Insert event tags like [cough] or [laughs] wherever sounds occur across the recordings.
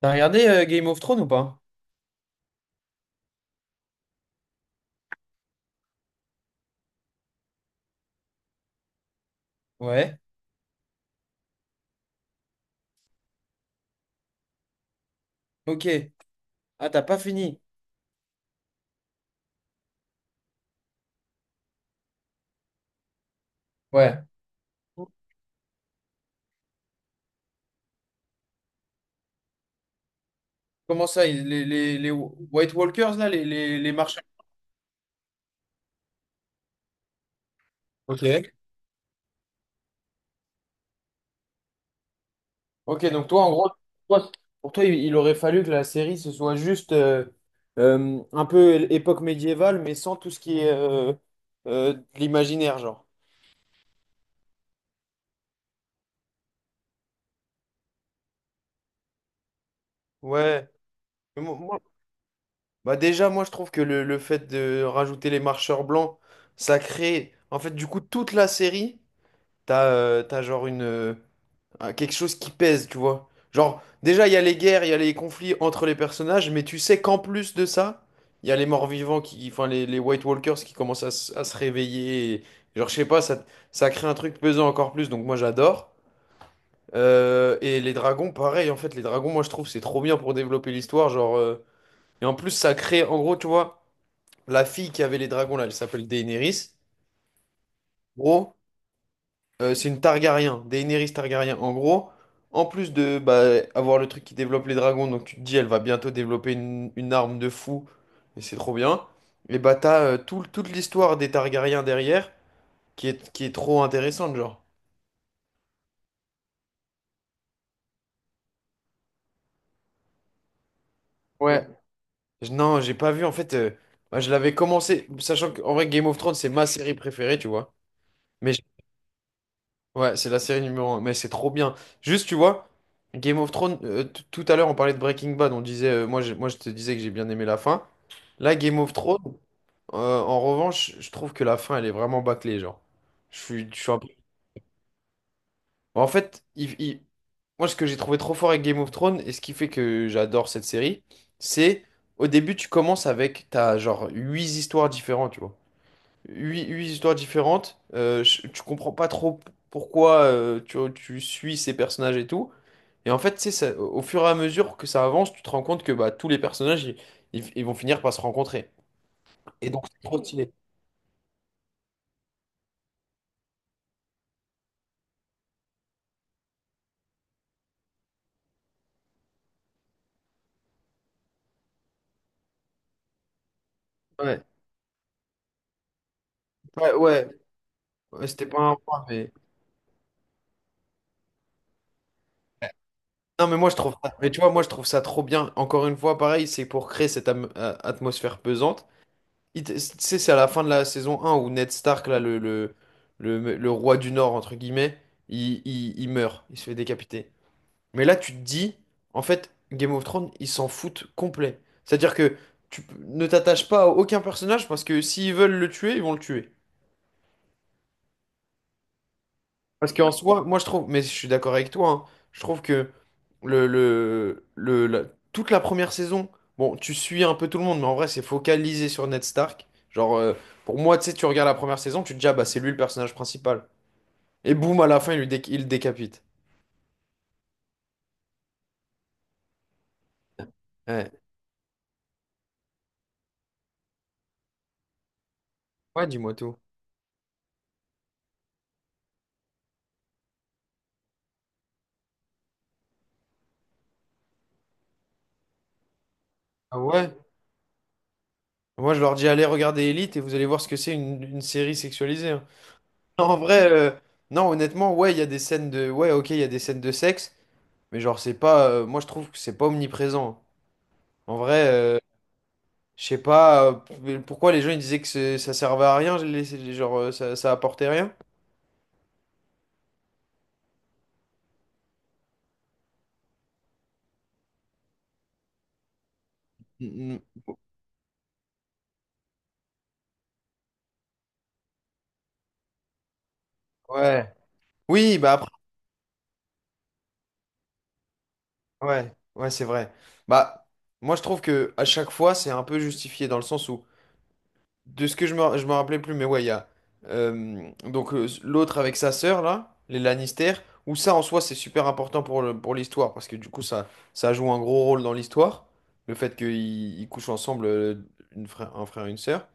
T'as regardé Game of Thrones ou pas? Ouais. Ok. Ah, t'as pas fini. Ouais. Comment ça, les White Walkers, là, les marchands. Ok. Ok, donc toi, en gros, toi, pour toi, il aurait fallu que la série, ce soit juste un peu époque médiévale, mais sans tout ce qui est de l'imaginaire, genre. Ouais. Mais moi- moi- bah déjà, moi, je trouve que le fait de rajouter les marcheurs blancs, ça crée. En fait, du coup, toute la série, t'as genre à quelque chose qui pèse, tu vois. Genre, déjà, il y a les guerres, il y a les conflits entre les personnages, mais tu sais qu'en plus de ça, il y a les morts-vivants qui, enfin, les White Walkers qui commencent à se réveiller. Genre, je sais pas, ça crée un truc pesant encore plus, donc moi j'adore. Et les dragons, pareil, en fait, les dragons, moi je trouve c'est trop bien pour développer l'histoire. Genre, et en plus, ça crée, en gros, tu vois, la fille qui avait les dragons là, elle s'appelle Daenerys. Gros. C'est une Targaryen, Daenerys Targaryen. En gros, en plus de bah, avoir le truc qui développe les dragons, donc tu te dis elle va bientôt développer une arme de fou, et c'est trop bien. Et bah t'as toute l'histoire des Targaryens derrière, qui est trop intéressante, genre. Ouais. Non, j'ai pas vu, en fait, bah, je l'avais commencé, sachant qu'en vrai Game of Thrones, c'est ma série préférée, tu vois. Mais ouais, c'est la série numéro 1, mais c'est trop bien. Juste, tu vois, Game of Thrones, tout à l'heure on parlait de Breaking Bad, on disait, moi je te disais que j'ai bien aimé la fin. Là, Game of Thrones, en revanche, je trouve que la fin, elle est vraiment bâclée, genre. Je suis un peu. Bon, en fait, moi, ce que j'ai trouvé trop fort avec Game of Thrones, et ce qui fait que j'adore cette série, c'est au début, tu commences avec, t'as genre huit histoires différentes, tu vois. Huit histoires différentes, tu comprends pas trop pourquoi tu suis ces personnages et tout. Et en fait, tu sais, au fur et à mesure que ça avance, tu te rends compte que bah, tous les personnages, ils vont finir par se rencontrer. Et donc, c'est trop stylé. Ouais. Ouais, ouais, ouais, c'était pas un point, mais. Non, mais moi je trouve ça. Mais tu vois, moi je trouve ça trop bien. Encore une fois, pareil, c'est pour créer cette atmosphère pesante. Tu sais, c'est à la fin de la saison 1 où Ned Stark, là, le roi du Nord, entre guillemets, il meurt, il se fait décapiter. Mais là, tu te dis, en fait, Game of Thrones, ils s'en foutent complet. C'est-à-dire que tu ne t'attaches pas à aucun personnage parce que s'ils veulent le tuer, ils vont le tuer. Parce qu'en soi, moi je trouve, mais je suis d'accord avec toi, hein, je trouve que le, le, le, la- toute la première saison, bon, tu suis un peu tout le monde, mais en vrai, c'est focalisé sur Ned Stark. Genre, pour moi, tu sais, tu regardes la première saison, tu te dis, ah bah c'est lui le personnage principal. Et boum, à la fin, il le décapite. Ouais, ouais, dis-moi tout. Ah ouais? Moi, je leur dis, allez regarder Elite et vous allez voir ce que c'est une série sexualisée, hein. [laughs] Non, en vrai, non, honnêtement, ouais, il y a des scènes de, ouais, ok, il y a des scènes de sexe, mais genre, c'est pas, moi je trouve que c'est pas omniprésent, hein. En vrai, je sais pas pourquoi les gens ils disaient que ça servait à rien, genre ça apportait rien. Mm, mm. Ouais. Oui, bah après, ouais, ouais, c'est vrai. Bah, moi je trouve que à chaque fois c'est un peu justifié dans le sens où. De ce que je me rappelais plus, mais ouais, il y a donc l'autre avec sa sœur là, les Lannister, où ça en soi c'est super important pour pour l'histoire parce que du coup ça joue un gros rôle dans l'histoire, le fait qu'ils couchent ensemble un frère et une sœur.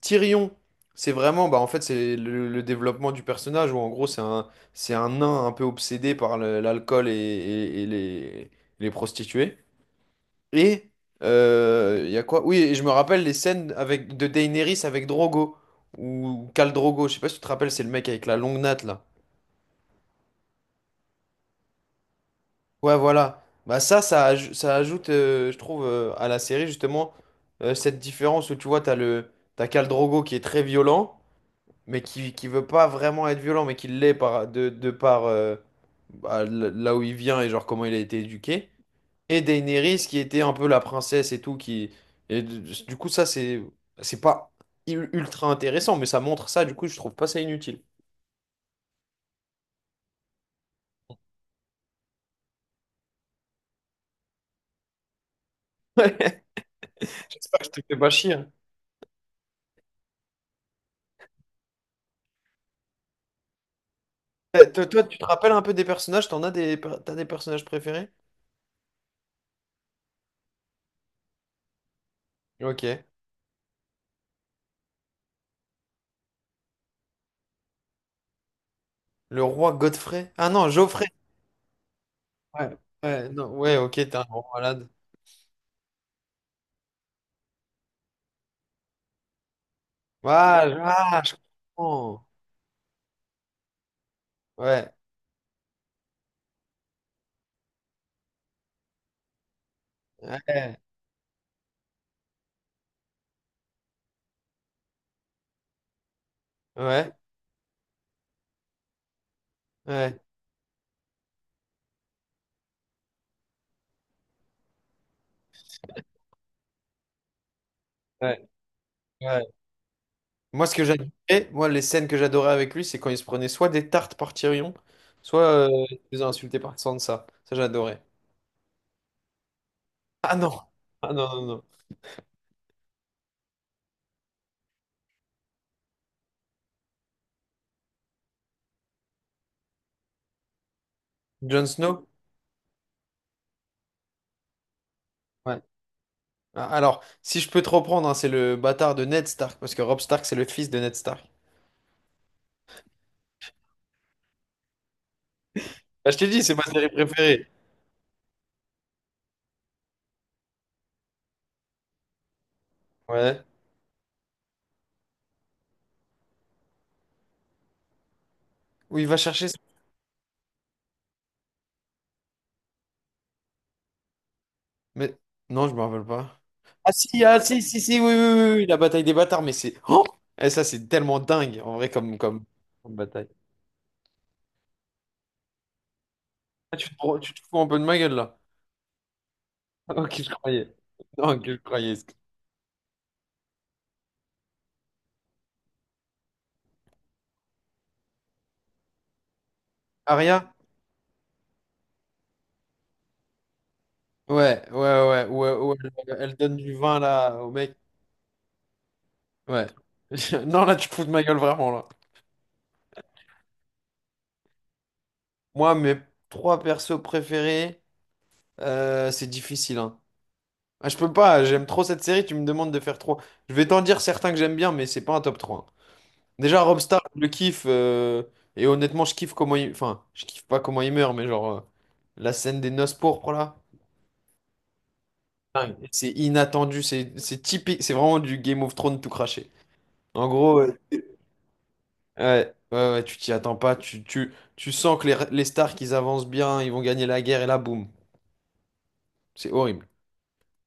Tyrion, c'est vraiment bah en fait c'est le développement du personnage où en gros c'est un nain un peu obsédé par l'alcool et les prostituées. Et il y a quoi? Oui, et je me rappelle les scènes avec de Daenerys avec Drogo ou Khal Drogo, je sais pas si tu te rappelles, c'est le mec avec la longue natte là. Ouais, voilà. Bah ça ajoute, je trouve, à la série justement cette différence où tu vois t'as Khal Drogo qui est très violent mais qui veut pas vraiment être violent, mais qui l'est de par bah, là où il vient et genre comment il a été éduqué. Et Daenerys qui était un peu la princesse et tout. Et du coup, ça, c'est pas ultra intéressant, mais ça montre ça, du coup, je trouve pas ça inutile. J'espère que je te fais pas chier, hein. Toi, tu te rappelles un peu des personnages? T'as des personnages préférés? Ok. Le roi Godfrey? Ah non, Geoffrey. Ouais, ouais, non, ouais, ok, t'es un grand malade. Ah, je comprends. Ouais. Ouais, ouais, ouais, ouais, ouais. Moi, ce que j'adorais, moi, les scènes que j'adorais avec lui, c'est quand il se prenait soit des tartes par Tyrion, soit il se faisait insulter par Sansa. Ça, j'adorais. Ah non! Ah non, non, non. Jon Snow? Ouais. Ah, alors, si je peux te reprendre, hein, c'est le bâtard de Ned Stark, parce que Robb Stark, c'est le fils de Ned Stark. Ah, je t'ai dit, c'est ma série préférée. Ouais. Où il va chercher. Mais non, je me rappelle pas. Ah si, ah si, si, si, oui, oui, oui, oui, la bataille des bâtards, mais c'est. Oh! Et ça, c'est tellement dingue, en vrai, comme, bataille. Ah, tu te fous un peu de ma gueule, là. [laughs] Ok, je croyais. Non, que je croyais. Aria? Ouais, ouais, ouais, ouais, ouais, elle donne du vin, là, au mec. Ouais. [laughs] Non, là, tu te fous de ma gueule, vraiment, là. Moi, mes trois persos préférés, c'est difficile, hein. Ah, je peux pas, j'aime trop cette série, tu me demandes de faire trop. Je vais t'en dire certains que j'aime bien, mais c'est pas un top trois. Déjà, Robstar, je le kiffe. Et honnêtement, je kiffe comment il. Enfin, je kiffe pas comment il meurt, mais genre, la scène des noces pourpres, là. Dingue. C'est inattendu, c'est typique. C'est vraiment du Game of Thrones tout craché. En gros, ouais, ouais, ouais, ouais, tu t'y attends pas. Tu sens que les Stark, ils avancent bien, ils vont gagner la guerre, et là, boum. C'est horrible.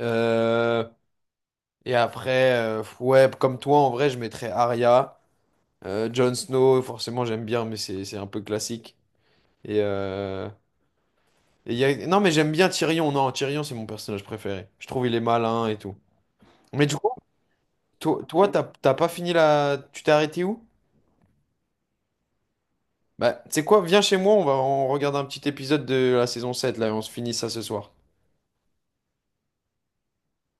Euh, et après, ouais, comme toi, en vrai, je mettrais Arya. Jon Snow, forcément, j'aime bien, mais c'est un peu classique. Et. euh, Non, mais j'aime bien Tyrion. Non, Tyrion, c'est mon personnage préféré. Je trouve il est malin et tout. Mais du coup, toi, toi, t'as pas fini la. Tu t'es arrêté où? Bah, tu sais quoi? Viens chez moi, on regarde un petit épisode de la saison 7 là, et on se finit ça ce soir.